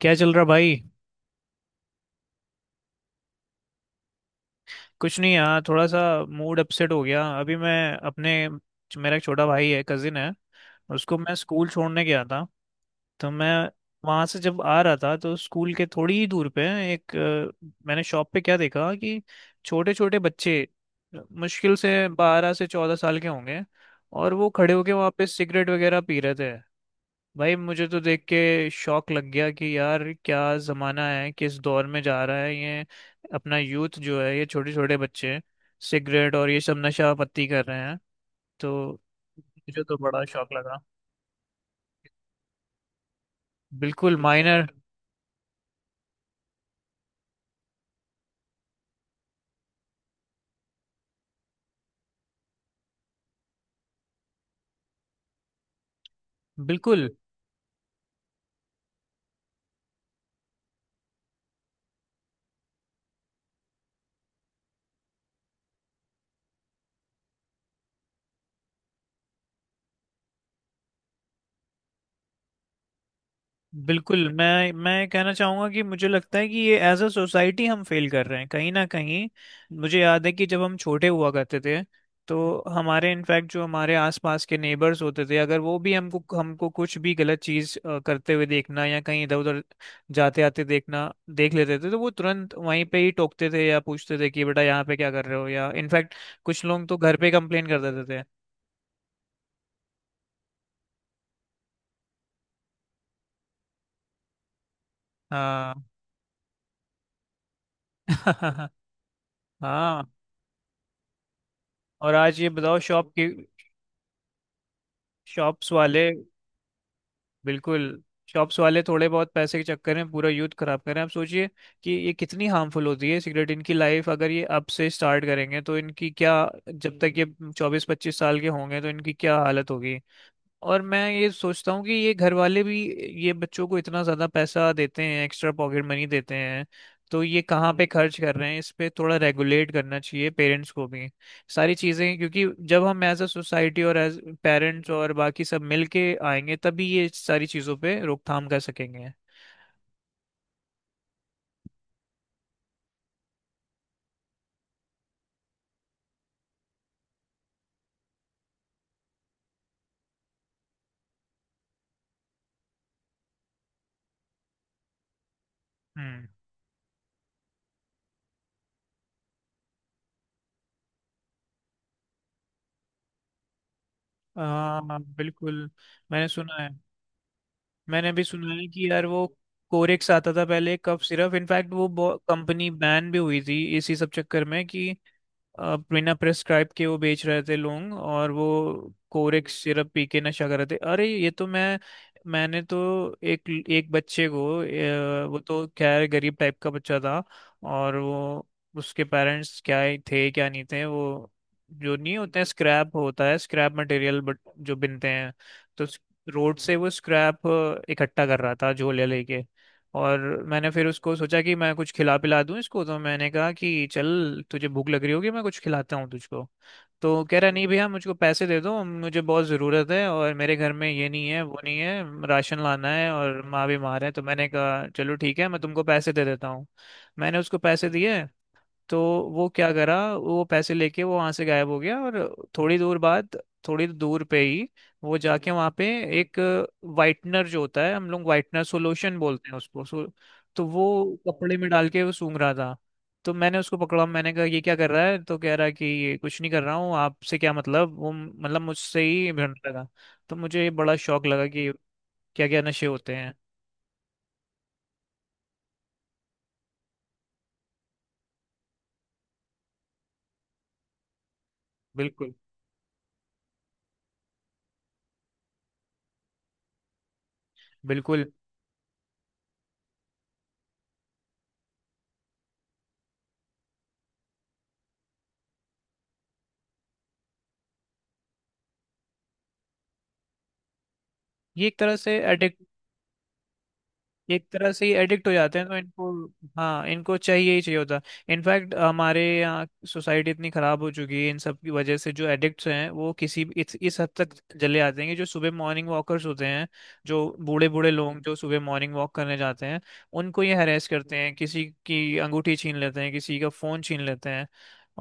क्या चल रहा भाई? कुछ नहीं यार, थोड़ा सा मूड अपसेट हो गया अभी। मैं अपने मेरा एक छोटा भाई है, कजिन है। उसको मैं स्कूल छोड़ने गया था। तो मैं वहां से जब आ रहा था, तो स्कूल के थोड़ी ही दूर पे मैंने शॉप पे क्या देखा कि छोटे छोटे बच्चे, मुश्किल से 12 से 14 साल के होंगे, और वो खड़े होके वहाँ पे सिगरेट वगैरह पी रहे थे। भाई मुझे तो देख के शौक लग गया कि यार क्या जमाना है, किस दौर में जा रहा है ये। अपना यूथ जो है ये छोटे छोटे बच्चे, सिगरेट और ये सब नशा पत्ती कर रहे हैं। तो मुझे तो बड़ा शौक लगा। बिल्कुल माइनर। बिल्कुल। बिल्कुल मैं ये कहना चाहूंगा कि मुझे लगता है कि ये एज अ सोसाइटी हम फेल कर रहे हैं कहीं ना कहीं। मुझे याद है कि जब हम छोटे हुआ करते थे, तो हमारे इनफैक्ट जो हमारे आसपास के नेबर्स होते थे, अगर वो भी हमको हमको कुछ भी गलत चीज करते हुए देखना, या कहीं इधर उधर जाते आते देखना देख लेते थे, तो वो तुरंत वहीं पे ही टोकते थे या पूछते थे कि बेटा यहाँ पे क्या कर रहे हो, या इनफैक्ट कुछ लोग तो घर पे कंप्लेन कर देते थे। हाँ। हाँ। और आज ये बताओ शॉप की, शॉप्स वाले। बिल्कुल। शॉप्स वाले थोड़े बहुत पैसे के चक्कर में पूरा यूथ खराब कर रहे हैं। आप सोचिए कि ये कितनी हार्मफुल होती है सिगरेट, इनकी लाइफ अगर ये अब से स्टार्ट करेंगे तो इनकी क्या, जब तक ये 24-25 साल के होंगे तो इनकी क्या हालत होगी। और मैं ये सोचता हूँ कि ये घर वाले भी ये बच्चों को इतना ज़्यादा पैसा देते हैं, एक्स्ट्रा पॉकेट मनी देते हैं, तो ये कहाँ पे खर्च कर रहे हैं, इस पे थोड़ा रेगुलेट करना चाहिए पेरेंट्स को भी सारी चीज़ें। क्योंकि जब हम एज अ सोसाइटी और एज पेरेंट्स और बाकी सब मिल के आएंगे तभी ये सारी चीज़ों पे रोकथाम कर सकेंगे। हम्म। हाँ, बिल्कुल। मैंने सुना है। मैंने भी सुना है कि यार वो कोरेक्स आता था पहले, कफ सिरप, इनफैक्ट वो कंपनी बैन भी हुई थी इसी सब चक्कर में कि बिना प्रेस्क्राइब के वो बेच रहे थे लोग, और वो कोरेक सिरप पी के नशा कर रहे थे। अरे, ये तो मैंने तो एक एक बच्चे को... वो तो खैर गरीब टाइप का बच्चा था, और वो उसके पेरेंट्स क्या ही थे क्या नहीं थे, वो जो नहीं होते हैं, स्क्रैप होता है, स्क्रैप मटेरियल, बट जो बिनते हैं, तो रोड से वो स्क्रैप इकट्ठा कर रहा था झोले लेके। और मैंने फिर उसको सोचा कि मैं कुछ खिला पिला दूं इसको, तो मैंने कहा कि चल तुझे भूख लग रही होगी, मैं कुछ खिलाता हूँ तुझको। तो कह रहा, नहीं भैया मुझको पैसे दे दो, मुझे बहुत ज़रूरत है और मेरे घर में ये नहीं है वो नहीं है, राशन लाना है और माँ बीमार है। तो मैंने कहा चलो ठीक है, मैं तुमको पैसे दे देता हूँ। मैंने उसको पैसे दिए। तो वो क्या करा, वो पैसे लेके वो वहां से गायब हो गया, और थोड़ी दूर बाद, थोड़ी दूर पे ही, वो जाके वहां पे एक वाइटनर जो होता है, हम लोग वाइटनर सॉल्यूशन बोलते हैं, उसको तो वो कपड़े में डाल के वो सूंघ रहा था। तो मैंने उसको पकड़ा, मैंने कहा ये क्या कर रहा है, तो कह रहा है कि ये कुछ नहीं कर रहा हूँ, आपसे क्या मतलब, वो मतलब मुझसे ही भिड़ने लगा। तो मुझे बड़ा शौक लगा कि क्या क्या नशे होते हैं। बिल्कुल। बिल्कुल ये एक तरह से ही एडिक्ट हो जाते हैं तो इनको। हाँ इनको चाहिए ही चाहिए होता। इनफैक्ट हमारे यहाँ सोसाइटी इतनी खराब हो चुकी है इन सब की वजह से, जो एडिक्ट्स हैं वो इस हद तक चले आते हैं कि जो सुबह मॉर्निंग वॉकर्स होते हैं, जो बूढ़े बूढ़े लोग जो सुबह मॉर्निंग वॉक करने जाते हैं, उनको ये हरेस करते हैं, किसी की अंगूठी छीन लेते हैं, किसी का फोन छीन लेते हैं।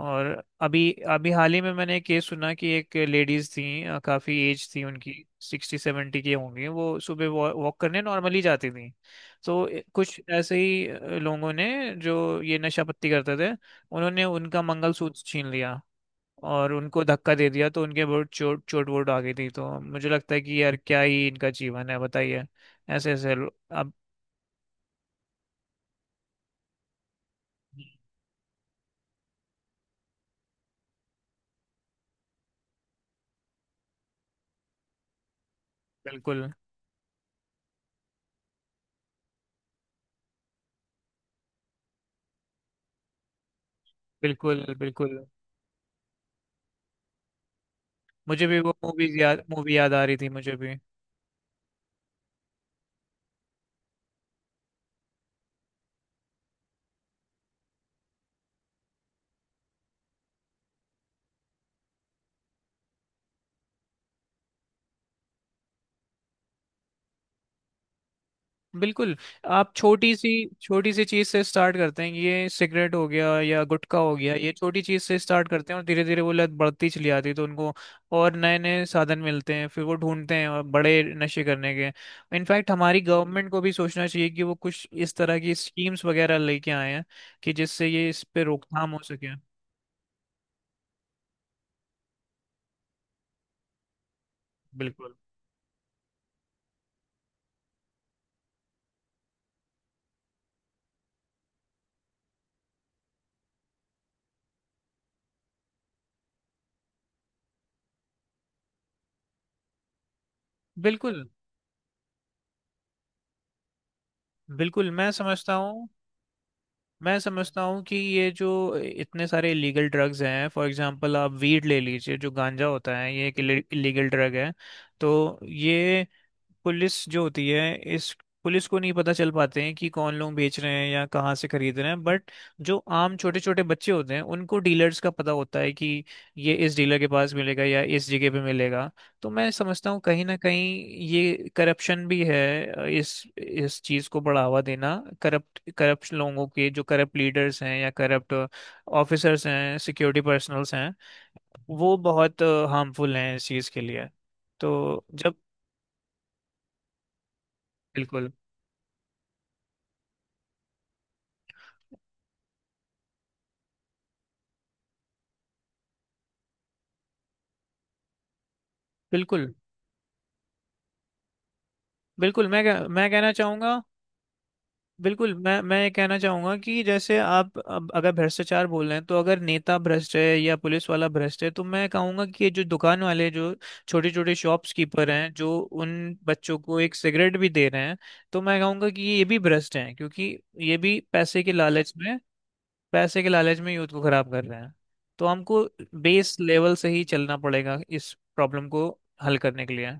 और अभी अभी हाल ही में मैंने एक केस सुना कि एक लेडीज थी, काफी एज थी उनकी, 60-70 की होंगी, वो सुबह वॉक करने नॉर्मली जाती थी, तो कुछ ऐसे ही लोगों ने जो ये नशा पत्ती करते थे, उन्होंने उनका मंगलसूत्र छीन लिया और उनको धक्का दे दिया, तो उनके बहुत चोट चोट वोट आ गई थी। तो मुझे लगता है कि यार क्या ही इनका जीवन है बताइए। ऐसे ऐसे लो- अब... बिल्कुल। बिल्कुल। बिल्कुल मुझे भी वो मूवी याद आ रही थी मुझे भी। बिल्कुल। आप छोटी सी, छोटी सी चीज से स्टार्ट करते हैं, ये सिगरेट हो गया या गुटखा हो गया, ये छोटी चीज से स्टार्ट करते हैं, और धीरे धीरे वो लत बढ़ती चली जाती है तो उनको और नए नए साधन मिलते हैं, फिर वो ढूंढते हैं और बड़े नशे करने के। इनफैक्ट हमारी गवर्नमेंट को भी सोचना चाहिए कि वो कुछ इस तरह की स्कीम्स वगैरह लेके आए हैं कि जिससे ये इस पे रोकथाम हो सके। बिल्कुल। बिल्कुल। बिल्कुल मैं समझता हूँ कि ये जो इतने सारे इलीगल ड्रग्स हैं, फॉर एग्जांपल आप वीड ले लीजिए, जो गांजा होता है, ये एक इलीगल ड्रग है। तो ये पुलिस जो होती है, इस पुलिस को नहीं पता चल पाते हैं कि कौन लोग बेच रहे हैं या कहाँ से खरीद रहे हैं, बट जो आम छोटे छोटे बच्चे होते हैं उनको डीलर्स का पता होता है कि ये इस डीलर के पास मिलेगा या इस जगह पे मिलेगा। तो मैं समझता हूँ कहीं ना कहीं ये करप्शन भी है इस चीज को बढ़ावा देना। करप्ट करप्ट लोगों के, जो करप्ट लीडर्स हैं या करप्ट ऑफिसर्स हैं, सिक्योरिटी पर्सनल्स हैं, वो बहुत हार्मफुल हैं इस चीज के लिए। तो जब... बिल्कुल। बिल्कुल। बिल्कुल मैं कहना चाहूंगा। बिल्कुल मैं ये कहना चाहूंगा कि जैसे आप अब अगर भ्रष्टाचार बोल रहे हैं, तो अगर नेता भ्रष्ट है या पुलिस वाला भ्रष्ट है, तो मैं कहूंगा कि ये जो दुकान वाले, जो छोटे छोटे शॉप्स कीपर हैं जो उन बच्चों को एक सिगरेट भी दे रहे हैं, तो मैं कहूंगा कि ये भी भ्रष्ट हैं, क्योंकि ये भी पैसे के लालच में, पैसे के लालच में यूथ को खराब कर रहे हैं। तो हमको बेस लेवल से ही चलना पड़ेगा इस प्रॉब्लम को हल करने के लिए।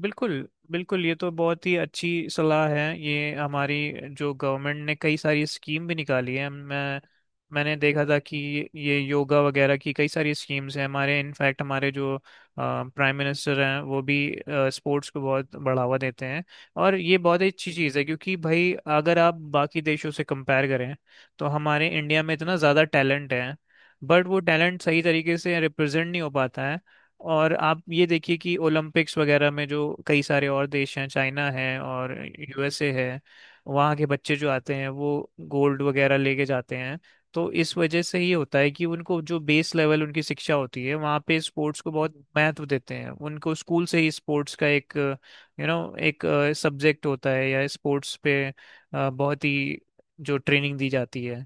बिल्कुल। बिल्कुल ये तो बहुत ही अच्छी सलाह है। ये हमारी जो गवर्नमेंट ने कई सारी स्कीम भी निकाली है। मैंने देखा था कि ये योगा वगैरह की कई सारी स्कीम्स हैं हमारे, इनफैक्ट हमारे जो प्राइम मिनिस्टर हैं वो भी स्पोर्ट्स को बहुत बढ़ावा देते हैं। और ये बहुत ही अच्छी चीज़ है, क्योंकि भाई अगर आप बाकी देशों से कंपेयर करें, तो हमारे इंडिया में इतना ज़्यादा टैलेंट है, बट वो टैलेंट सही तरीके से रिप्रेजेंट नहीं हो पाता है। और आप ये देखिए कि ओलंपिक्स वगैरह में जो कई सारे और देश हैं, चाइना है और यूएसए है, वहाँ के बच्चे जो आते हैं वो गोल्ड वगैरह लेके जाते हैं। तो इस वजह से ही होता है कि उनको जो बेस लेवल उनकी शिक्षा होती है, वहाँ पे स्पोर्ट्स को बहुत महत्व देते हैं, उनको स्कूल से ही स्पोर्ट्स का एक एक सब्जेक्ट होता है, या स्पोर्ट्स पे बहुत ही जो ट्रेनिंग दी जाती है।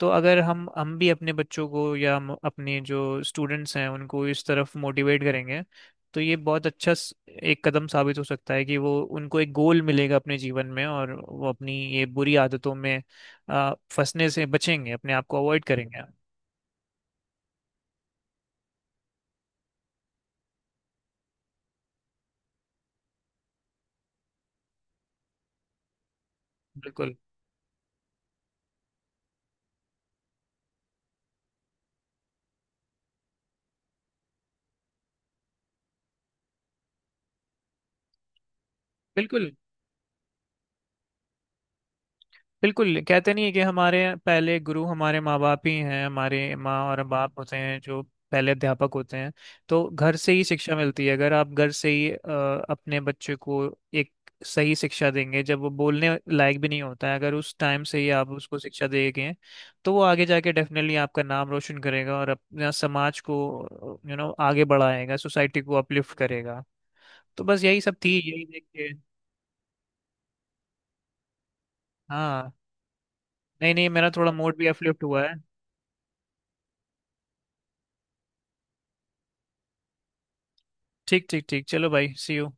तो अगर हम भी अपने बच्चों को, या हम अपने जो स्टूडेंट्स हैं उनको इस तरफ मोटिवेट करेंगे, तो ये बहुत अच्छा एक कदम साबित हो सकता है, कि वो उनको एक गोल मिलेगा अपने जीवन में और वो अपनी ये बुरी आदतों में फंसने से बचेंगे, अपने आप को अवॉइड करेंगे। बिल्कुल। बिल्कुल। बिल्कुल कहते नहीं है कि हमारे पहले गुरु हमारे माँ बाप ही हैं, हमारे माँ और बाप होते हैं जो पहले अध्यापक होते हैं। तो घर से ही शिक्षा मिलती है, अगर आप घर से ही अपने बच्चे को एक सही शिक्षा देंगे, जब वो बोलने लायक भी नहीं होता है, अगर उस टाइम से ही आप उसको शिक्षा देंगे तो वो आगे जाके डेफिनेटली आपका नाम रोशन करेगा, और अपना समाज को आगे बढ़ाएगा, सोसाइटी को अपलिफ्ट करेगा। तो बस यही सब थी, यही देख के। हाँ। नहीं नहीं, मेरा थोड़ा मूड भी अपलिफ्ट हुआ है। ठीक ठीक ठीक, चलो भाई, सी यू।